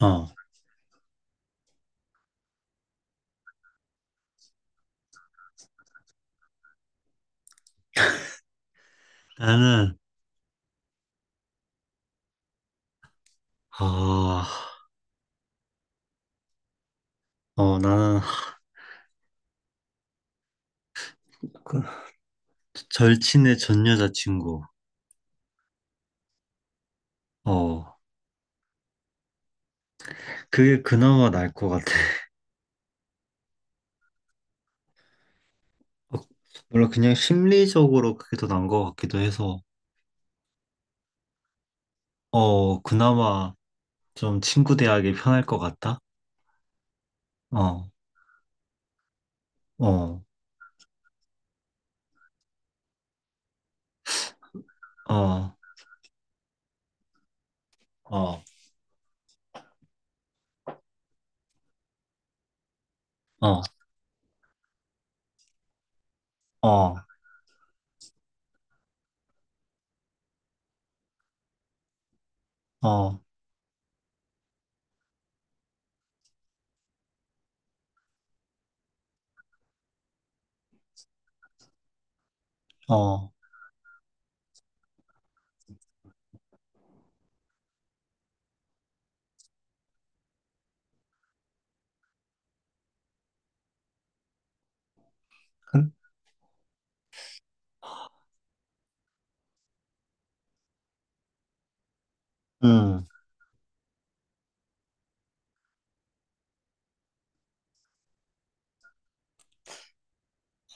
어, 나는, 아, 나는 그 절친의 전 여자친구. 어, 그게 그나마 나을 것 같아. 어, 물론 그냥 심리적으로 그게 더 나은 것 같기도 해서, 그나마 좀 친구 대하기 편할 것 같다. 어, 어, 어, 어, 어, 어, 어, 어. 근- 음.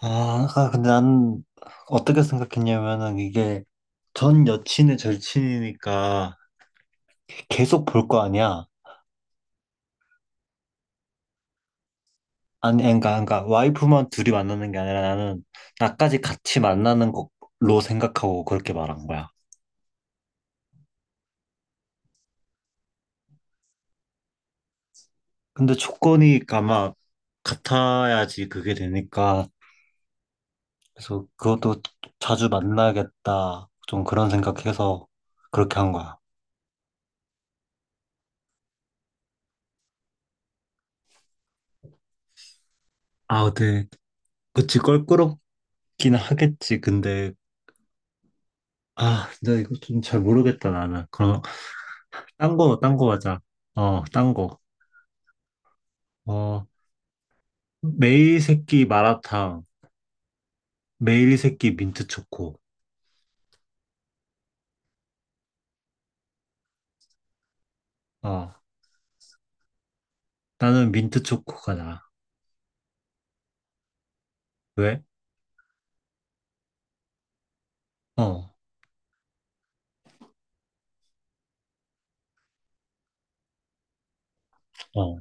아, 아, 근데 난 어떻게 생각했냐면은 이게 전 여친의 절친이니까 계속 볼 거 아니야. 아니, 그러니까, 그러니까 와이프만 둘이 만나는 게 아니라 나는 나까지 같이 만나는 걸로 생각하고 그렇게 말한 거야. 근데 조건이 아마 같아야지 그게 되니까 그래서 그것도 자주 만나겠다 좀 그런 생각해서 그렇게 한 거야. 아, 근데 그치 껄끄럽긴 하겠지. 근데 아, 나 이거 좀 잘 모르겠다 나는. 그럼 딴 거 하자. 어, 딴 거. 어, 매일 새끼 마라탕, 매일 새끼 민트 초코. 어, 나는 민트 초코가 나. 왜? 어, 어,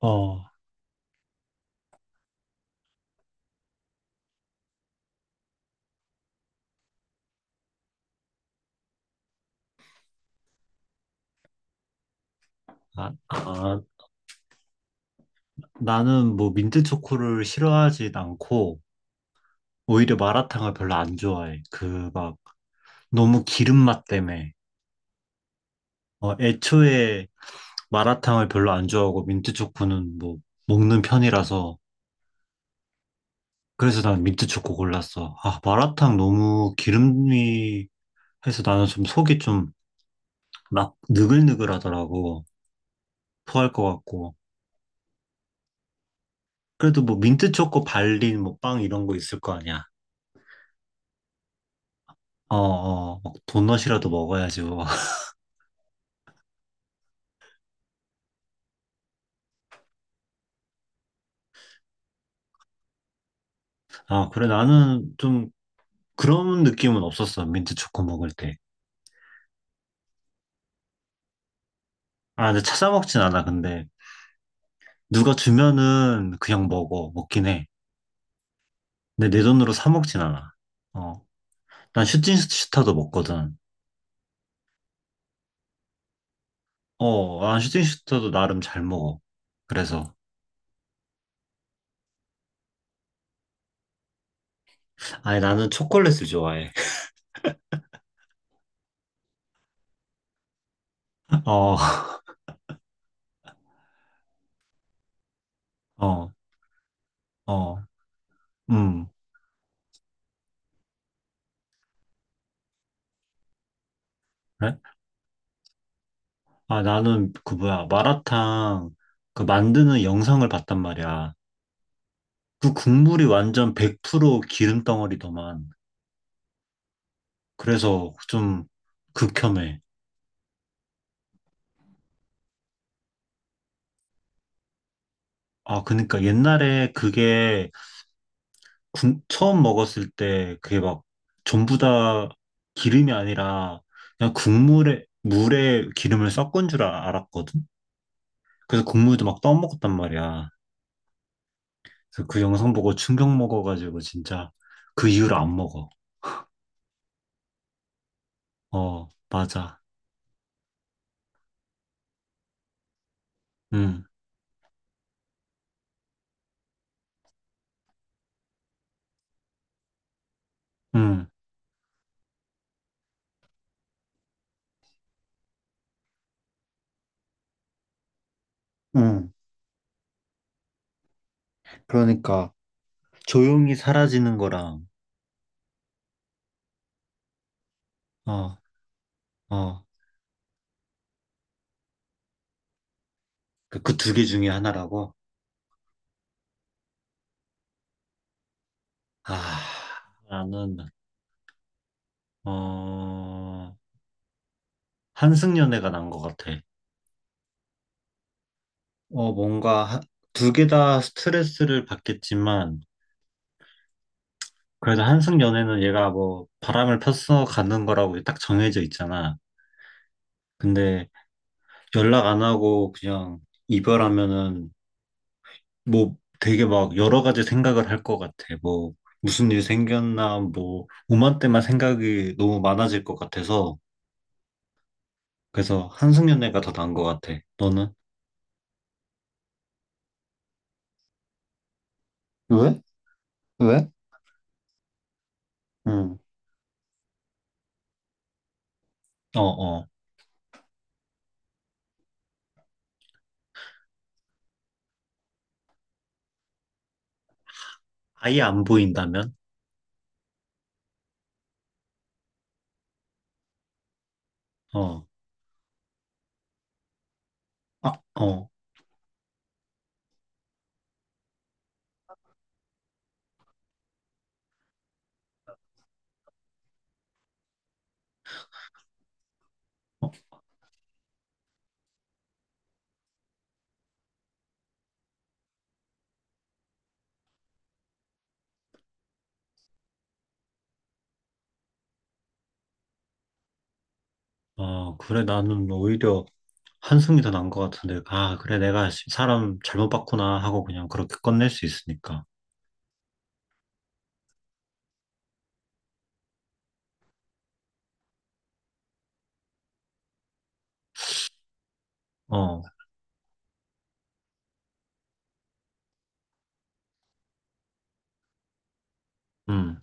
어. 아, 아, 나는 뭐 민트 초코를 싫어하진 않고, 오히려 마라탕을 별로 안 좋아해. 그 막, 너무 기름 맛 때문에. 애초에 마라탕을 별로 안 좋아하고, 민트 초코는 뭐, 먹는 편이라서. 그래서 난 민트 초코 골랐어. 아, 마라탕 너무 기름이 해서 나는 좀 속이 좀 막 느글느글하더라고. 토할 것 같고. 그래도 뭐 민트 초코 발린 뭐 빵 이런 거 있을 거 아니야. 어, 어, 막 도넛이라도 먹어야지 뭐. 아, 그래 나는 좀 그런 느낌은 없었어. 민트 초코 먹을 때. 아, 근데 찾아 먹진 않아. 근데 누가 주면은 그냥 먹어. 먹긴 해. 근데 내 돈으로 사 먹진 않아. 어, 난 슈팅슈타도 먹거든. 어, 난 슈팅슈타도 나름 잘 먹어. 그래서 아니 나는 초콜릿을 좋아해. 어, 어, 어, 음. 그래? 아, 나는 그 뭐야, 마라탕 그 만드는 영상을 봤단 말이야. 그 국물이 완전 100% 기름 덩어리더만. 그래서 좀 극혐해. 아, 그러니까 옛날에 그게 처음 먹었을 때 그게 막 전부 다 기름이 아니라 그냥 국물에, 물에 기름을 섞은 줄 알았거든? 그래서 국물도 막 떠먹었단 말이야. 그래서 그 영상 보고 충격 먹어가지고 진짜 그 이후로 안 먹어. 어, 맞아. 음. 응, 응. 그러니까 조용히 사라지는 거랑 어, 어, 그 두 개 중에 하나라고? 아, 나는 어, 한승연애가 난 것 같아. 어, 뭔가 두 개 다 스트레스를 받겠지만 그래도 한승연애는 얘가 뭐 바람을 폈어 가는 거라고 딱 정해져 있잖아. 근데 연락 안 하고 그냥 이별하면은 뭐 되게 막 여러 가지 생각을 할 것 같아. 뭐 무슨 일 생겼나, 뭐 오만 때만 생각이 너무 많아질 것 같아서 그래서 한승연 애가 더 나은 것 같아. 너는? 왜? 왜? 응. 어, 어. 아예 안 보인다면? 어, 아, 어. 어, 어, 그래, 나는 오히려 한승이 더 나은 것 같은데, 아, 그래, 내가 사람 잘못 봤구나 하고 그냥 그렇게 끝낼 수 있으니까. 어, 음,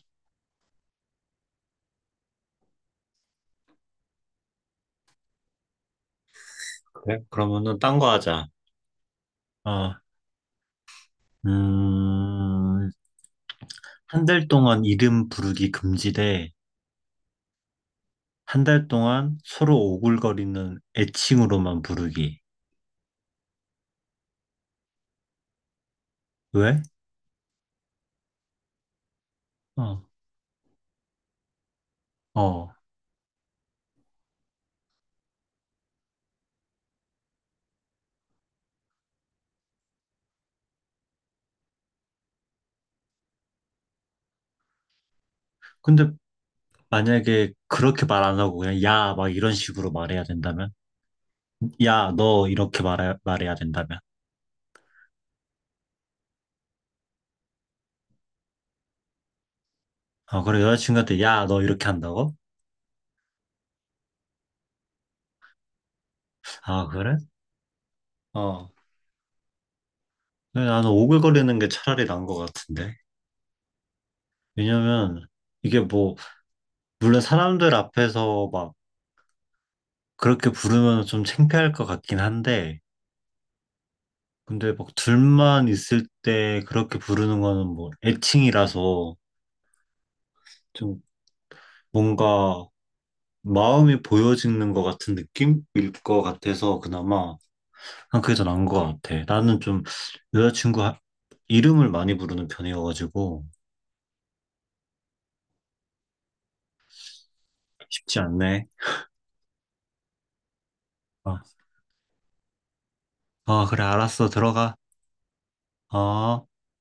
그래, 그러면은 딴 거 하자. 어, 음, 한 달 동안 이름 부르기 금지 돼 한 달 동안 서로 오글거리는 애칭으로만 부르기. 왜? 어. 어. 근데 만약에 그렇게 말 안 하고 그냥 야, 막 이런 식으로 말해야 된다면? 야, 너 이렇게 말해야 된다면? 아, 그래, 여자친구한테 야, 너 이렇게 한다고? 아, 그래? 어. 근데 나는 오글거리는 게 차라리 나은 것 같은데. 왜냐면 이게 뭐, 물론 사람들 앞에서 막 그렇게 부르면 좀 창피할 것 같긴 한데, 근데 막 둘만 있을 때 그렇게 부르는 거는 뭐 애칭이라서 좀 뭔가 마음이 보여지는 것 같은 느낌일 것 같아서 그나마 한 그게 더 나은 것 같아. 나는 좀 여자친구 이름을 많이 부르는 편이어가지고 쉽지 않네. 아, 아, 그래 알았어 들어가. 어.